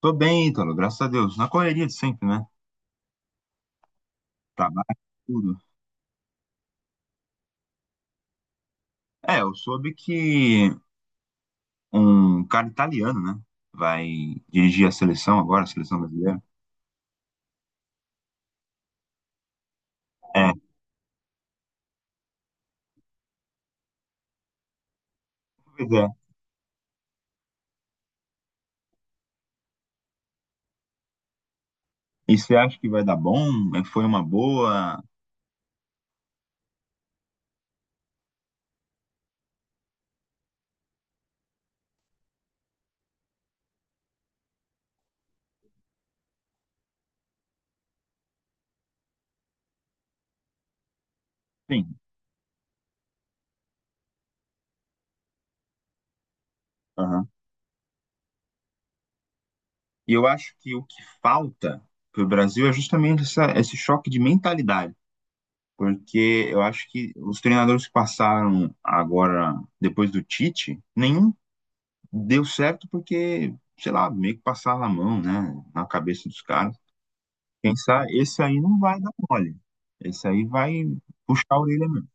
Tô bem, Ítalo, graças a Deus. Na correria de sempre, né? Trabalho, tudo. Eu soube que um cara italiano, né? Vai dirigir a seleção agora, a seleção brasileira. É, pois é. E você acha que vai dar bom? É, foi uma boa? Sim. Aham. E eu acho que o que falta pro Brasil é justamente esse choque de mentalidade. Porque eu acho que os treinadores que passaram agora, depois do Tite, nenhum deu certo porque, sei lá, meio que passaram a mão, né, na cabeça dos caras. Pensar, esse aí não vai dar mole. Esse aí vai puxar a orelha mesmo.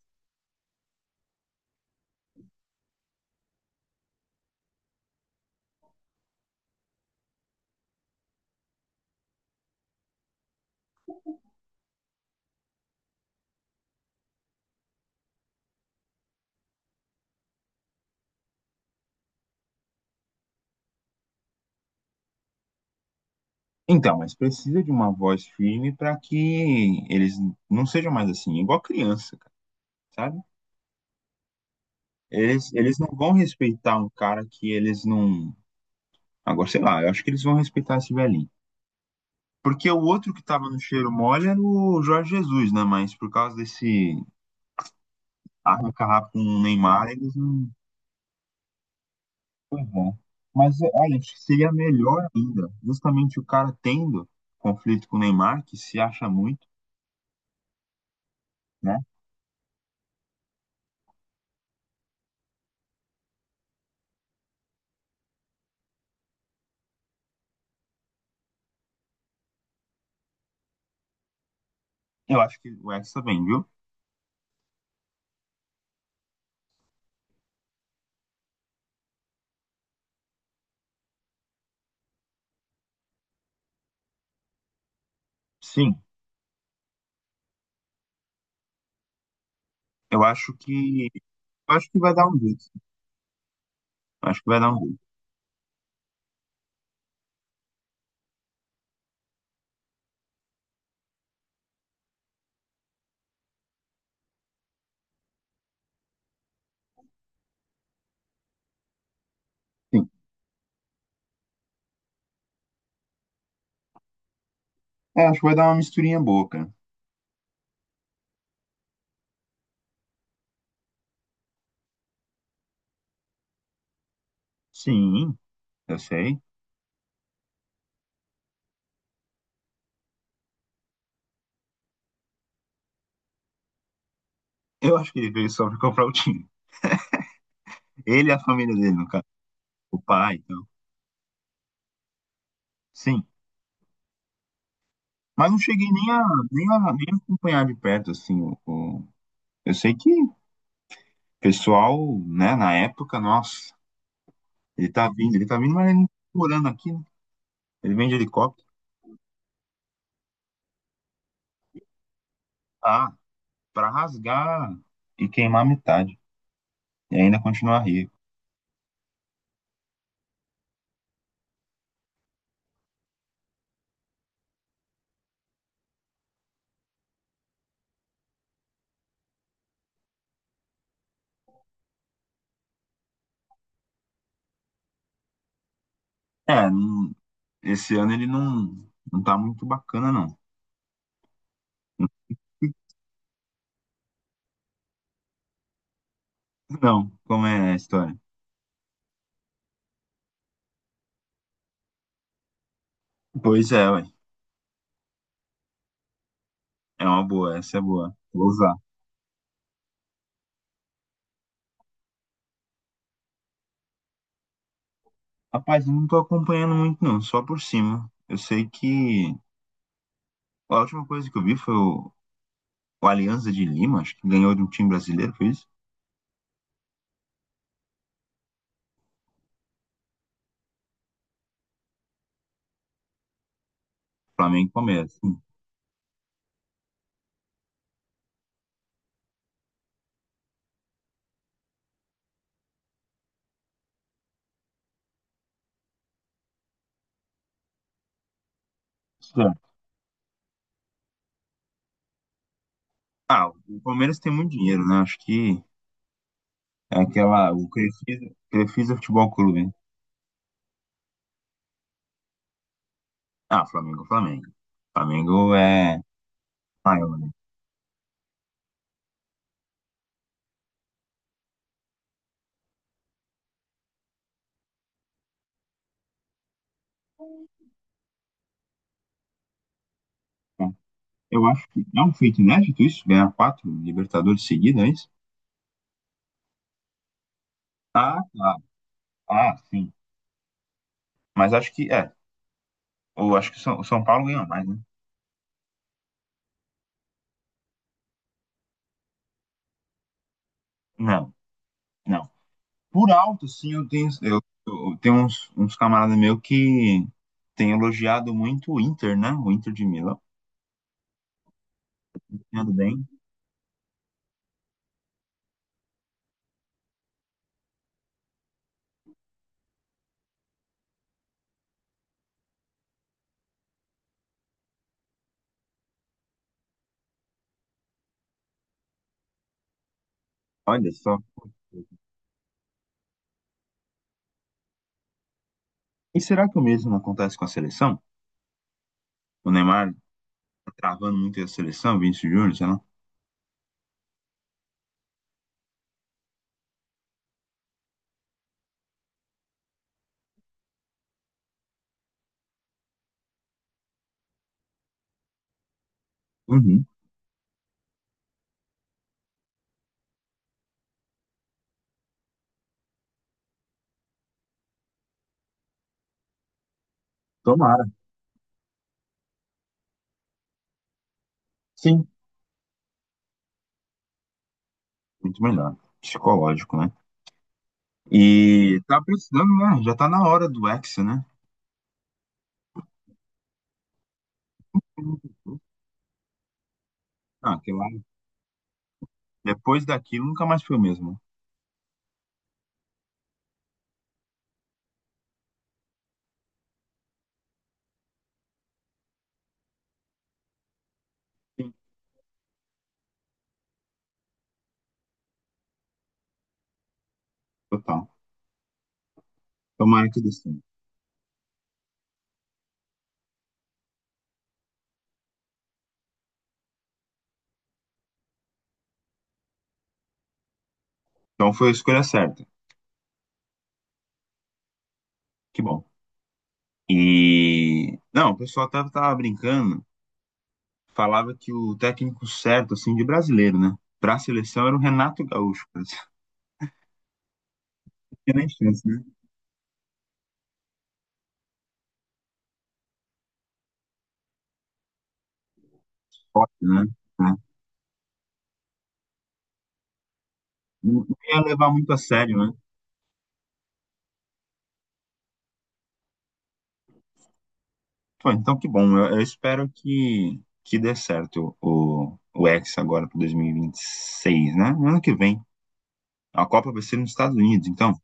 Então, mas precisa de uma voz firme para que eles não sejam mais assim, igual criança, cara, sabe? Eles não vão respeitar um cara que eles não. Agora, sei lá, eu acho que eles vão respeitar esse velhinho. Porque o outro que tava no cheiro mole era o Jorge Jesus, né? Mas por causa desse arranca-rabo com o Neymar, eles não. Pois é. Mas é, olha, acho que seria melhor ainda, justamente o cara tendo conflito com o Neymar, que se acha muito, né? Eu acho que o Hexa vem, viu? Sim. Eu acho que. Eu acho que vai dar um jeito. Eu acho que vai dar um jeito. Sim. É, acho que vai dar uma misturinha boa, cara. Sim, eu sei. Eu acho que ele veio só pra comprar o time. Ele e a família dele, no caso. O pai, então. Sim. Mas não cheguei nem a acompanhar de perto, assim. Eu sei que o pessoal, né, na época, nossa. Ele tá vindo, mas ele não tá morando aqui, né? Ele vem de helicóptero. Ah, pra rasgar e queimar metade. E ainda continuar rico. É, esse ano ele não, não tá muito bacana, não. Não, como é a história? Pois é, ué. É uma boa, essa é boa. Vou usar. Rapaz, eu não tô acompanhando muito, não, só por cima. Eu sei que a última coisa que eu vi foi o Alianza de Lima, acho que ganhou de um time brasileiro, foi isso? Flamengo e Palmeiras. Sim. Certo. Ah, o Palmeiras tem muito dinheiro, né? Acho que é aquela, o Crefisa, Crefisa Futebol Clube, né? Ah, Flamengo, Flamengo. Flamengo é maior, né? É. Eu acho que é um feito inédito isso, ganhar quatro Libertadores seguidas, é isso? Ah, tá. Ah, sim. Mas acho que, é, eu acho que o São Paulo ganhou mais, né? Não, não. Por alto, sim, eu tenho uns camaradas meus que têm elogiado muito o Inter, né? O Inter de Milão. Tá ganhando bem. Olha só. E será que o mesmo acontece com a seleção? O Neymar tá travando muito a seleção, Vinícius Júnior, sei lá. Uhum. Tomara. Sim. Muito melhor. Psicológico, né? E tá precisando, né? Já tá na hora do Hexa, né? Ah, que lá. Depois daquilo nunca mais foi o mesmo. Sim. Total. Tomara que destino. Então foi a escolha certa. Que bom. E. Não, o pessoal até tava brincando. Falava que o técnico certo, assim, de brasileiro, né? Pra seleção era o Renato Gaúcho, cara. Não tinha nem chance, né? Forte, né? É. Não, não ia levar muito a sério, né? Pô, então que bom. Eu espero que dê certo o X agora para 2026, né? No ano que vem. A Copa vai ser nos Estados Unidos, então.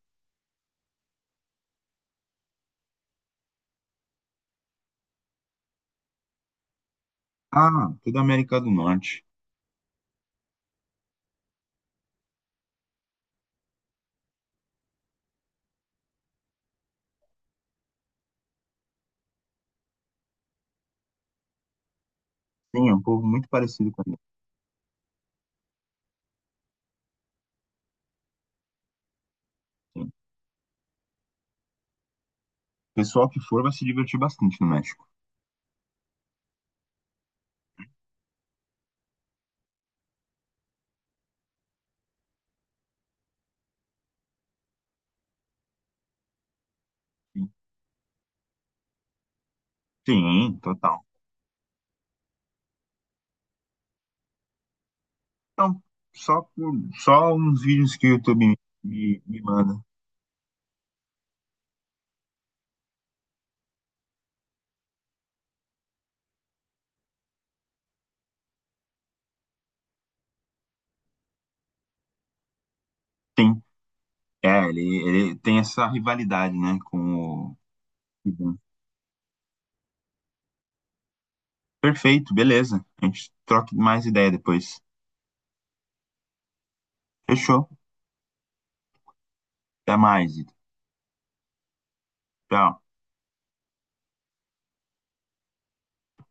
Ah, toda a América do Norte. Sim, é um povo muito parecido com a gente. Sim. O pessoal que for vai se divertir bastante no México. Sim, sim, total. Então, só, por- só uns vídeos que o YouTube me manda. Sim, é, ele tem essa rivalidade, né, com o... Perfeito, beleza. A gente troca mais ideia depois. Fechou. Até mais, Ito. Tchau.